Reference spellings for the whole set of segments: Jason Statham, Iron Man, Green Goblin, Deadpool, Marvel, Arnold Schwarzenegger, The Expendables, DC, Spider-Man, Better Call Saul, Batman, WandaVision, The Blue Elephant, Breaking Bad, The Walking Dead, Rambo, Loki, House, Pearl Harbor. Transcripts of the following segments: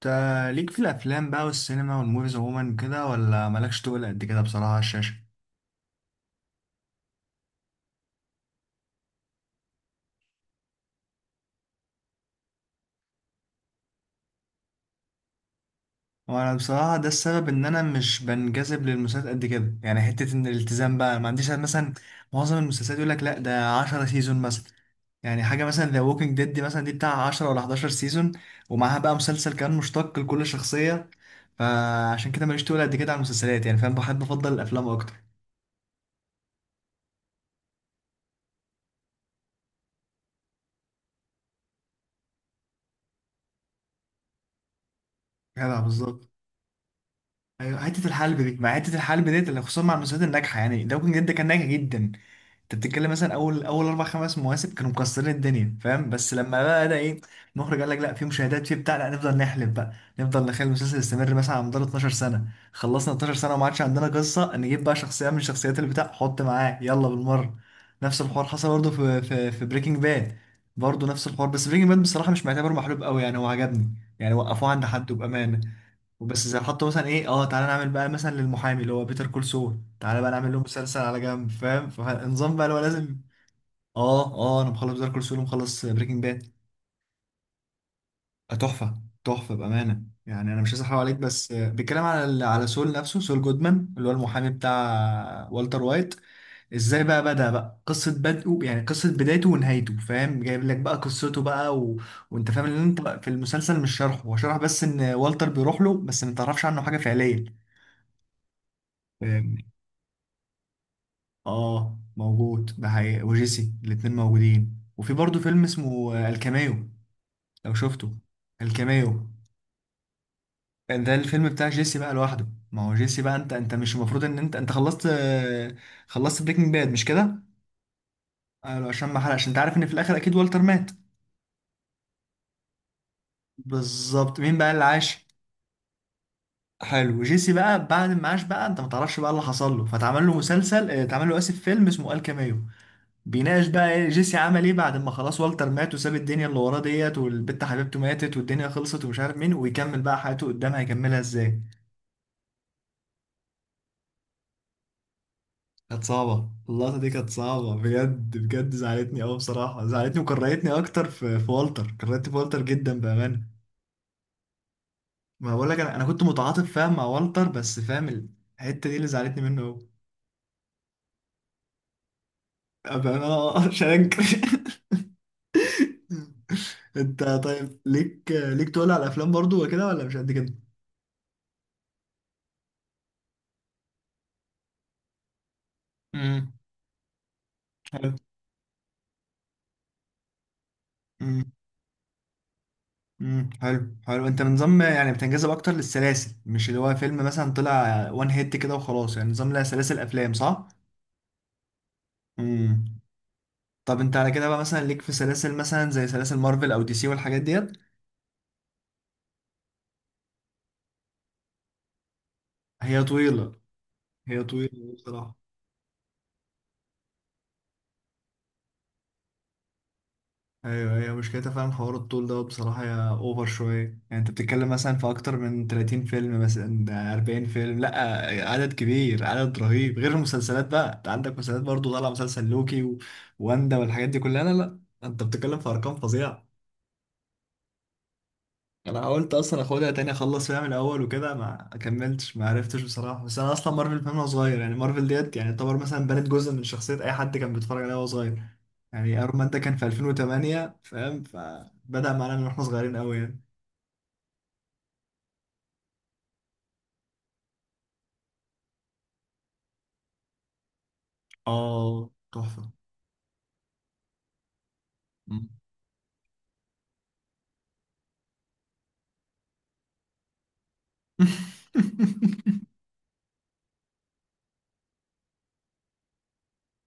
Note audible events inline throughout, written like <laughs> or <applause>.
تا ليك في الافلام بقى والسينما والموفيز عموما كده ولا مالكش؟ تقول قد كده بصراحه على الشاشه. وانا بصراحه ده السبب ان انا مش بنجذب للمسلسلات قد كده، يعني حته ان الالتزام بقى ما عنديش. مثلا معظم المسلسلات يقول لك لا ده 10 سيزون مثلا، يعني حاجه مثلا ذا ووكينج ديد دي مثلا دي بتاع 10 ولا 11 سيزون، ومعاها بقى مسلسل كان مشتق لكل شخصيه. فعشان كده ماليش تقول قد كده على المسلسلات، يعني فاهم، بحب افضل الافلام اكتر. جدع بالظبط. ايوه حته الحلب دي، مع حته الحلب ديت اللي خصوصا مع المسلسلات الناجحه، يعني داوكن جدا كان ناجح جدا. انت بتتكلم مثلا اول اربع خمس مواسم كانوا مكسرين الدنيا، فاهم، بس لما بقى ده ايه، المخرج قال لك لا، في مشاهدات في بتاع، لا نفضل نحلب بقى. نفضل نخلي المسلسل يستمر مثلا على مدار 12 سنه، خلصنا 12 سنه وما عادش عندنا قصه، نجيب بقى شخصيه من شخصيات البتاع حط معاه يلا بالمره. نفس الحوار حصل برضه في بريكنج باد، برضه نفس الحوار، بس بريكنج باد بصراحه مش معتبر محلوب قوي، يعني هو عجبني يعني، وقفوه عند حد بامانه. بس زي حطوا مثلا ايه، تعالى نعمل بقى مثلا للمحامي اللي هو بيتر كول سول، تعالى بقى نعمل له مسلسل على جنب، فاهم، فالنظام بقى اللي هو لازم. اه اه، انا مخلص بيتر كول سول ومخلص بريكنج باد. تحفه تحفه بامانه، يعني انا مش عايز احرق عليك بس بيتكلم على على سول نفسه، سول جودمان اللي هو المحامي بتاع والتر وايت. ازاي بقى بدأ بقى، قصه بدءه يعني، قصه بدايته ونهايته، فاهم، جايب لك بقى قصته بقى. وانت فاهم ان انت في المسلسل مش شرحه، هو شرح بس ان والتر بيروح له، بس ما تعرفش عنه حاجه فعليا. اه موجود، ده حقيقي، وجيسي الاتنين موجودين، وفي برضه فيلم اسمه الكاميو. لو شفته. الكاميو، ده الفيلم بتاع جيسي بقى لوحده، ما هو جيسي بقى انت مش المفروض ان انت خلصت، خلصت بريكنج باد مش كده؟ قالوا عشان ما حرقش، انت عارف ان في الاخر اكيد والتر مات. بالظبط. مين بقى اللي عاش؟ حلو، جيسي بقى بعد ما عاش بقى، انت ما تعرفش بقى اللي حصل له، فتعمل له مسلسل آه، اتعمل له اسف فيلم اسمه الكاميو، بيناقش بقى ايه جيسي عمل ايه بعد ما خلاص والتر مات وساب الدنيا اللي وراه ديت، والبت حبيبته ماتت، والدنيا خلصت، ومش عارف مين، ويكمل بقى حياته قدام هيكملها ازاي. كانت صعبة اللقطة دي، كانت صعبة بجد بجد، زعلتني قوي بصراحة، زعلتني وكرهتني اكتر في والتر، كرهت في والتر جدا بأمانة. ما بقول لك، انا كنت متعاطف، فاهم، مع والتر، بس فاهم الحتة دي اللي زعلتني منه قوي. بأمانة <laughs> مش هنكر <laughs> انت طيب، ليك تقول على الافلام برضو وكده ولا مش قد كده؟ امم حلو، حلو حلو. انت نظام يعني بتنجذب اكتر للسلاسل، مش اللي هو فيلم مثلا طلع وان هيت كده وخلاص، يعني نظام لها سلاسل افلام صح؟ امم طب انت على كده بقى، مثلا ليك في سلاسل مثلا زي سلاسل مارفل او دي سي والحاجات ديت؟ هي طويلة، هي طويلة بصراحة. ايوه، هي مشكلتها فعلا حوار الطول ده بصراحه، يا اوفر شويه. يعني انت بتتكلم مثلا في اكتر من 30 فيلم، مثلا ده 40 فيلم، لا عدد كبير، عدد رهيب، غير المسلسلات بقى، انت عندك مسلسلات برضو، طالع مسلسل لوكي، واندا والحاجات دي كلها، لا لا انت بتتكلم في ارقام فظيعه. انا حاولت اصلا اخدها تاني، اخلص فيها من الاول وكده، ما كملتش، ما عرفتش بصراحه، بس انا اصلا مارفل فان وانا صغير، يعني مارفل ديت يعني يعتبر مثلا بنت جزء من شخصيه اي حد كان بيتفرج عليها وهو صغير. يعني ايرون مان ده كان في 2008، فاهم، فبدأ معانا من واحنا صغيرين قوي يعني. اه تحفه. مم. <laughs>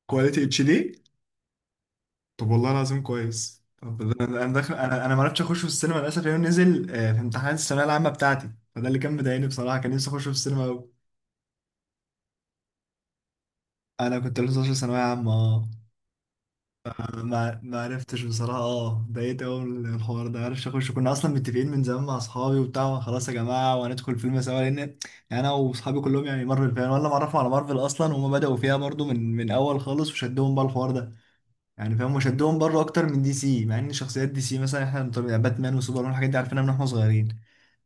كواليتي HD. طب والله العظيم كويس، طب انا، داخل، انا ما عرفتش اخشه في السينما للاسف، لانه نزل في امتحانات الثانويه العامه بتاعتي، فده اللي كان مضايقني بصراحه، كان نفسي اخشه في السينما قوي. انا كنت لسه 12 ثانويه عامه. اه ما عرفتش بصراحه، ضايقت قوي من الحوار ده، عرفش اخش، كنا اصلا متفقين من زمان مع اصحابي وبتاع، خلاص يا جماعه وهندخل فيلم سوا، لان انا واصحابي كلهم يعني مارفل فان، ولا معرفهم على مارفل اصلا، وهم بداوا فيها برضو من اول خالص وشدهم بقى الحوار ده، يعني فاهم، وشدهم برضو اكتر من دي سي، مع ان شخصيات دي سي مثلا احنا يعني باتمان وسوبرمان الحاجات دي عارفينها من واحنا صغيرين.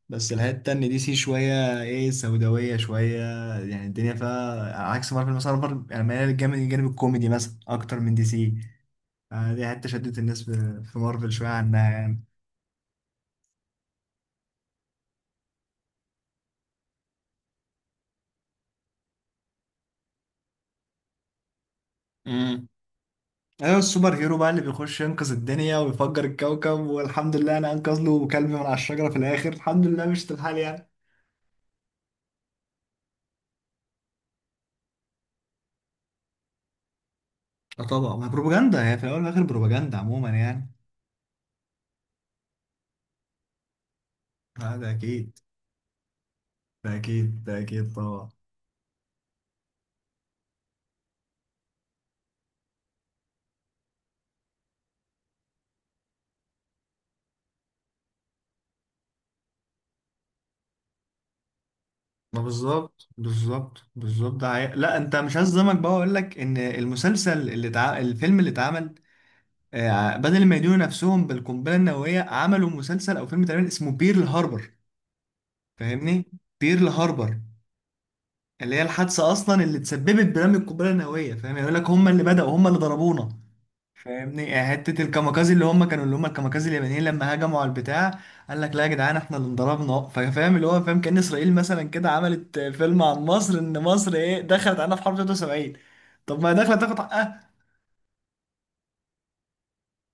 بس الحتة التانية دي سي شوية ايه، سوداوية شوية، يعني الدنيا فيها عكس مارفل، مثلا مارفل يعني مايلة الجانب الكوميدي مثلا أكتر من دي سي. دي حتة شدت الناس في مارفل شوية عنها يعني. امم أيوة السوبر هيرو بقى اللي بيخش ينقذ الدنيا ويفجر الكوكب، والحمد لله أنا أنقذ له كلب من على الشجرة في الآخر، الحمد لله، مش الحال يعني. اه طبعا، ما بروباجندا، هي في الأول والآخر بروباجندا عموما يعني. آه ده أكيد، ده أكيد، ده أكيد طبعا. ما بالظبط بالظبط بالظبط، ده حقيقة. لا انت مش هظلمك، بقى اقول لك ان المسلسل الفيلم اللي اتعمل بدل ما يدينوا نفسهم بالقنبله النوويه، عملوا مسلسل او فيلم تقريبا اسمه بيرل هاربر، فاهمني؟ بيرل هاربر اللي هي الحادثه اصلا اللي تسببت برمي القنبله النوويه، فاهم، يقول لك هم اللي بداوا، هم اللي ضربونا، فاهمني؟ يعني حته الكاميكازي اللي هم كانوا، اللي هم الكاميكازي اليابانيين لما هجموا على البتاع، قال لك لا يا جدعان احنا اللي انضربنا، فاهم، اللي هو فاهم، كان اسرائيل مثلا كده عملت فيلم عن مصر ان مصر ايه، دخلت علينا في حرب 73. طب ما هي داخله تاخد حقها.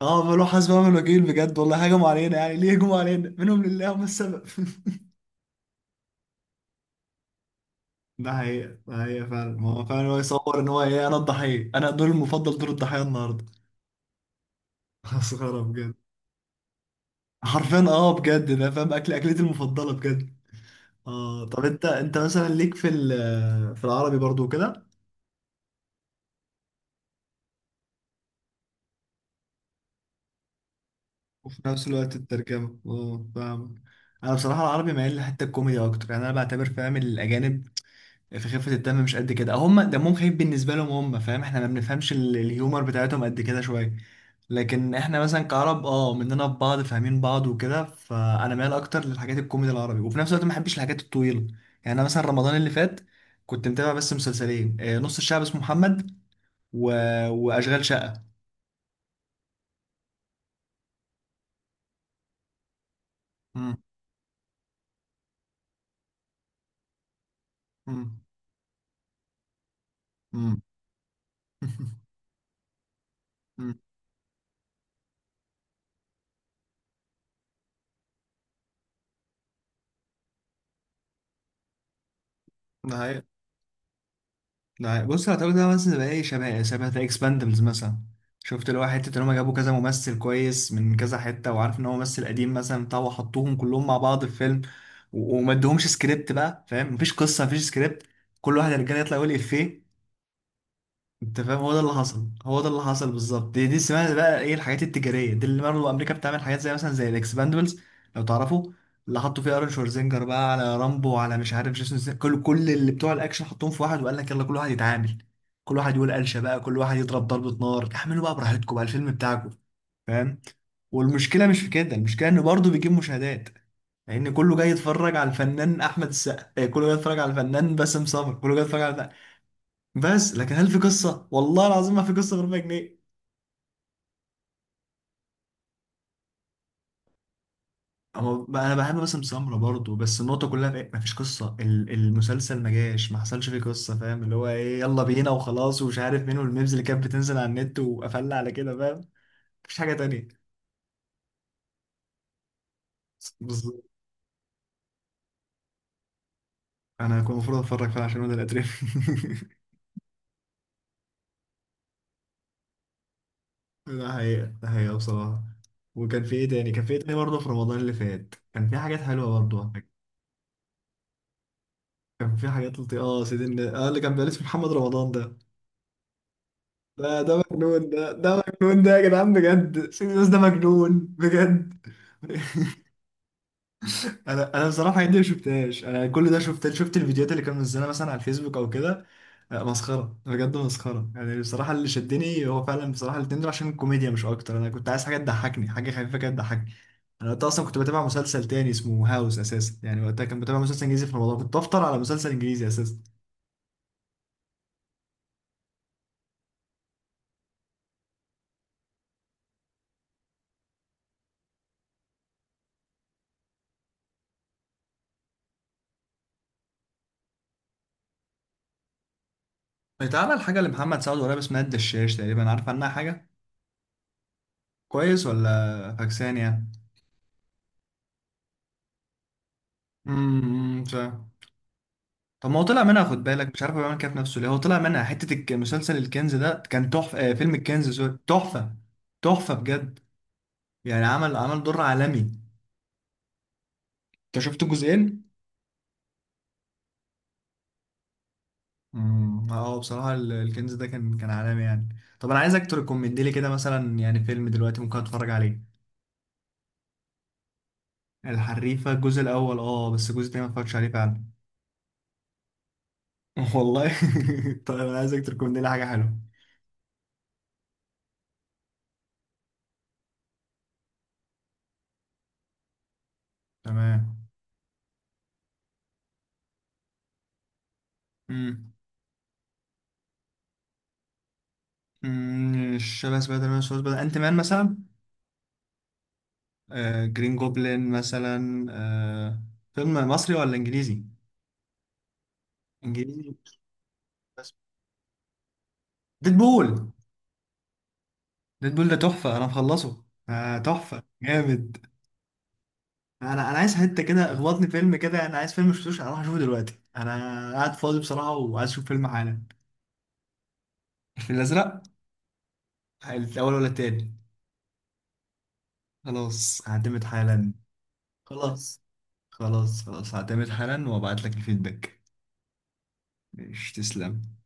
اه بيقولوا حسبي ونعم الوكيل، بجد والله، هجموا علينا يعني، ليه هجموا علينا؟ منهم لله، هم السبب <laughs> ده حقيقة، ده حقيقة فعلا، ما هو فعلا هو يصور ان هو ايه، انا الضحية، انا دور المفضل دور الضحية النهارده. <laughs> مسخرة بجد. حرفيا، بجد ده فاهم، اكل اكلتي المفضلة بجد. اه طب انت، مثلا ليك في العربي برضو كده؟ وفي نفس الوقت الترجمة، فاهم. انا بصراحة العربي مايل لحتة الكوميدي اكتر، يعني انا بعتبر، فاهم، الاجانب في خفة الدم مش قد كده، هم دمهم خفيف بالنسبة لهم هم، فاهم، احنا ما بنفهمش الهيومر بتاعتهم قد كده شوية. لكن احنا مثلا كعرب، اه مننا في بعض فاهمين بعض وكده، فانا مايل اكتر للحاجات الكوميدي العربي، وفي نفس الوقت ما بحبش الحاجات الطويلة. يعني انا مثلا رمضان اللي فات كنت متابع بس مسلسلين، نص الشعب اسمه محمد و... واشغال شقة. مم. مم. مم. <laughs> مم. ده حقيقة، ده حقيقة. بص هتقول ده مثلا زي ايه، شبه ذا اكسباندبلز مثلا، شفت، اللي هو حتة ان هم جابوا كذا ممثل كويس من كذا حتة، وعارف ان هو ممثل قديم مثلا بتاع، وحطوهم كلهم مع بعض في فيلم، وما ادوهمش سكريبت بقى، فاهم، مفيش قصة، مفيش سكريبت، كل واحد رجاله يطلع يقول افيه. انت فاهم، هو ده اللي حصل، هو ده اللي حصل بالظبط. دي اسمها بقى ايه الحاجات التجاريه دي، اللي برضه امريكا بتعمل حاجات زي مثلا زي الاكسباندبلز، لو تعرفوا، اللي حطوا فيه ارون شوارزينجر بقى، على رامبو، على مش عارف جيسون كل اللي بتوع الاكشن حطوهم في واحد، وقال لك يلا كل واحد يتعامل، كل واحد يقول قلشه بقى، كل واحد يضرب ضربه نار، اعملوا بقى براحتكم بقى الفيلم بتاعكم، فاهم. والمشكله مش في كده، المشكله انه برضه بيجيب مشاهدات، لان كله جاي يتفرج على الفنان احمد السقا، كله جاي يتفرج على الفنان باسم سمر، كله جاي يتفرج على، بس لكن هل في قصه؟ والله العظيم ما في قصه غير 100 جنيه. هو بقى، انا بحب مثلا سمرة برضه، بس النقطه كلها في إيه؟ ما فيش قصه، المسلسل ما جاش، ما حصلش فيه قصه، فاهم، اللي هو ايه، يلا بينا وخلاص ومش عارف مين، والميمز اللي كانت بتنزل على النت وقفلنا على كده، فاهم، مفيش حاجه تانية. بالظبط، انا كنت المفروض اتفرج فعلا عشان ده الاتريف. <laughs> ده حقيقه، ده حقيقه بصراحه. وكان في ايه تاني، كان في ايه تاني برضه في رمضان اللي فات، كان في حاجات حلوه برضه على فكرة. كان في حاجات لطيفه، اه سيدي الناس، اه اللي كان بيقلد في محمد رمضان ده، ده مجنون، ده مجنون ده يا جدعان، بجد سيريوس ده مجنون بجد. <laughs> انا بصراحه عندي ما شفتهاش، انا كل ده شفت، شفت الفيديوهات اللي كان منزلها مثلا على الفيسبوك او كده. مسخره بجد، مسخره يعني بصراحه، اللي شدني هو فعلا بصراحه الاتنين دول عشان الكوميديا مش اكتر، انا كنت عايز حاجه تضحكني، حاجه خفيفه كده تضحكني. انا وقتها اصلا كنت بتابع مسلسل تاني اسمه هاوس اساسا، يعني وقتها كان بتابع مسلسل انجليزي في رمضان، كنت بفطر على مسلسل انجليزي اساسا. اتعمل حاجه لمحمد سعد قريب اسمها الدشاش تقريبا، عارف عنها حاجه؟ كويس ولا فاكسان يعني؟ فاهم. طب ما هو طلع منها، خد بالك، مش عارف هو بيعمل كده في نفسه ليه، هو طلع منها حته مسلسل الكنز ده كان تحفه، آه فيلم الكنز سوري، تحفه، تحفه بجد، يعني عمل دور عالمي، انت شفت جزئين؟ اه بصراحه الكنز ده كان عالمي يعني. طب انا عايزك تريكومند لي كده مثلا يعني فيلم دلوقتي ممكن اتفرج عليه. الحريفه الجزء الاول، بس الجزء التاني ما اتفرجتش عليه فعلا. <laughs> والله. <laughs> طب انا عايزك تريكومند لي حاجه حلوه. تمام. امم أمم، شبه سبايدر مان، شبه سبايدر انت مان مثلا؟ آه جرين جوبلين مثلا، آه. فيلم مصري ولا انجليزي؟ انجليزي. بس. ديدبول. ديدبول ده تحفة، انا مخلصه، تحفة جامد. انا عايز حتة كده، اخبطني فيلم كده، انا عايز فيلم مشفتوش اروح اشوفه دلوقتي، انا قاعد فاضي بصراحة وعايز اشوف فيلم حالا. الفيل الازرق؟ الاول ولا التاني؟ خلاص هعتمد حالا. خلاص، هعتمد حالا وابعت لك الفيدباك. مش تسلم؟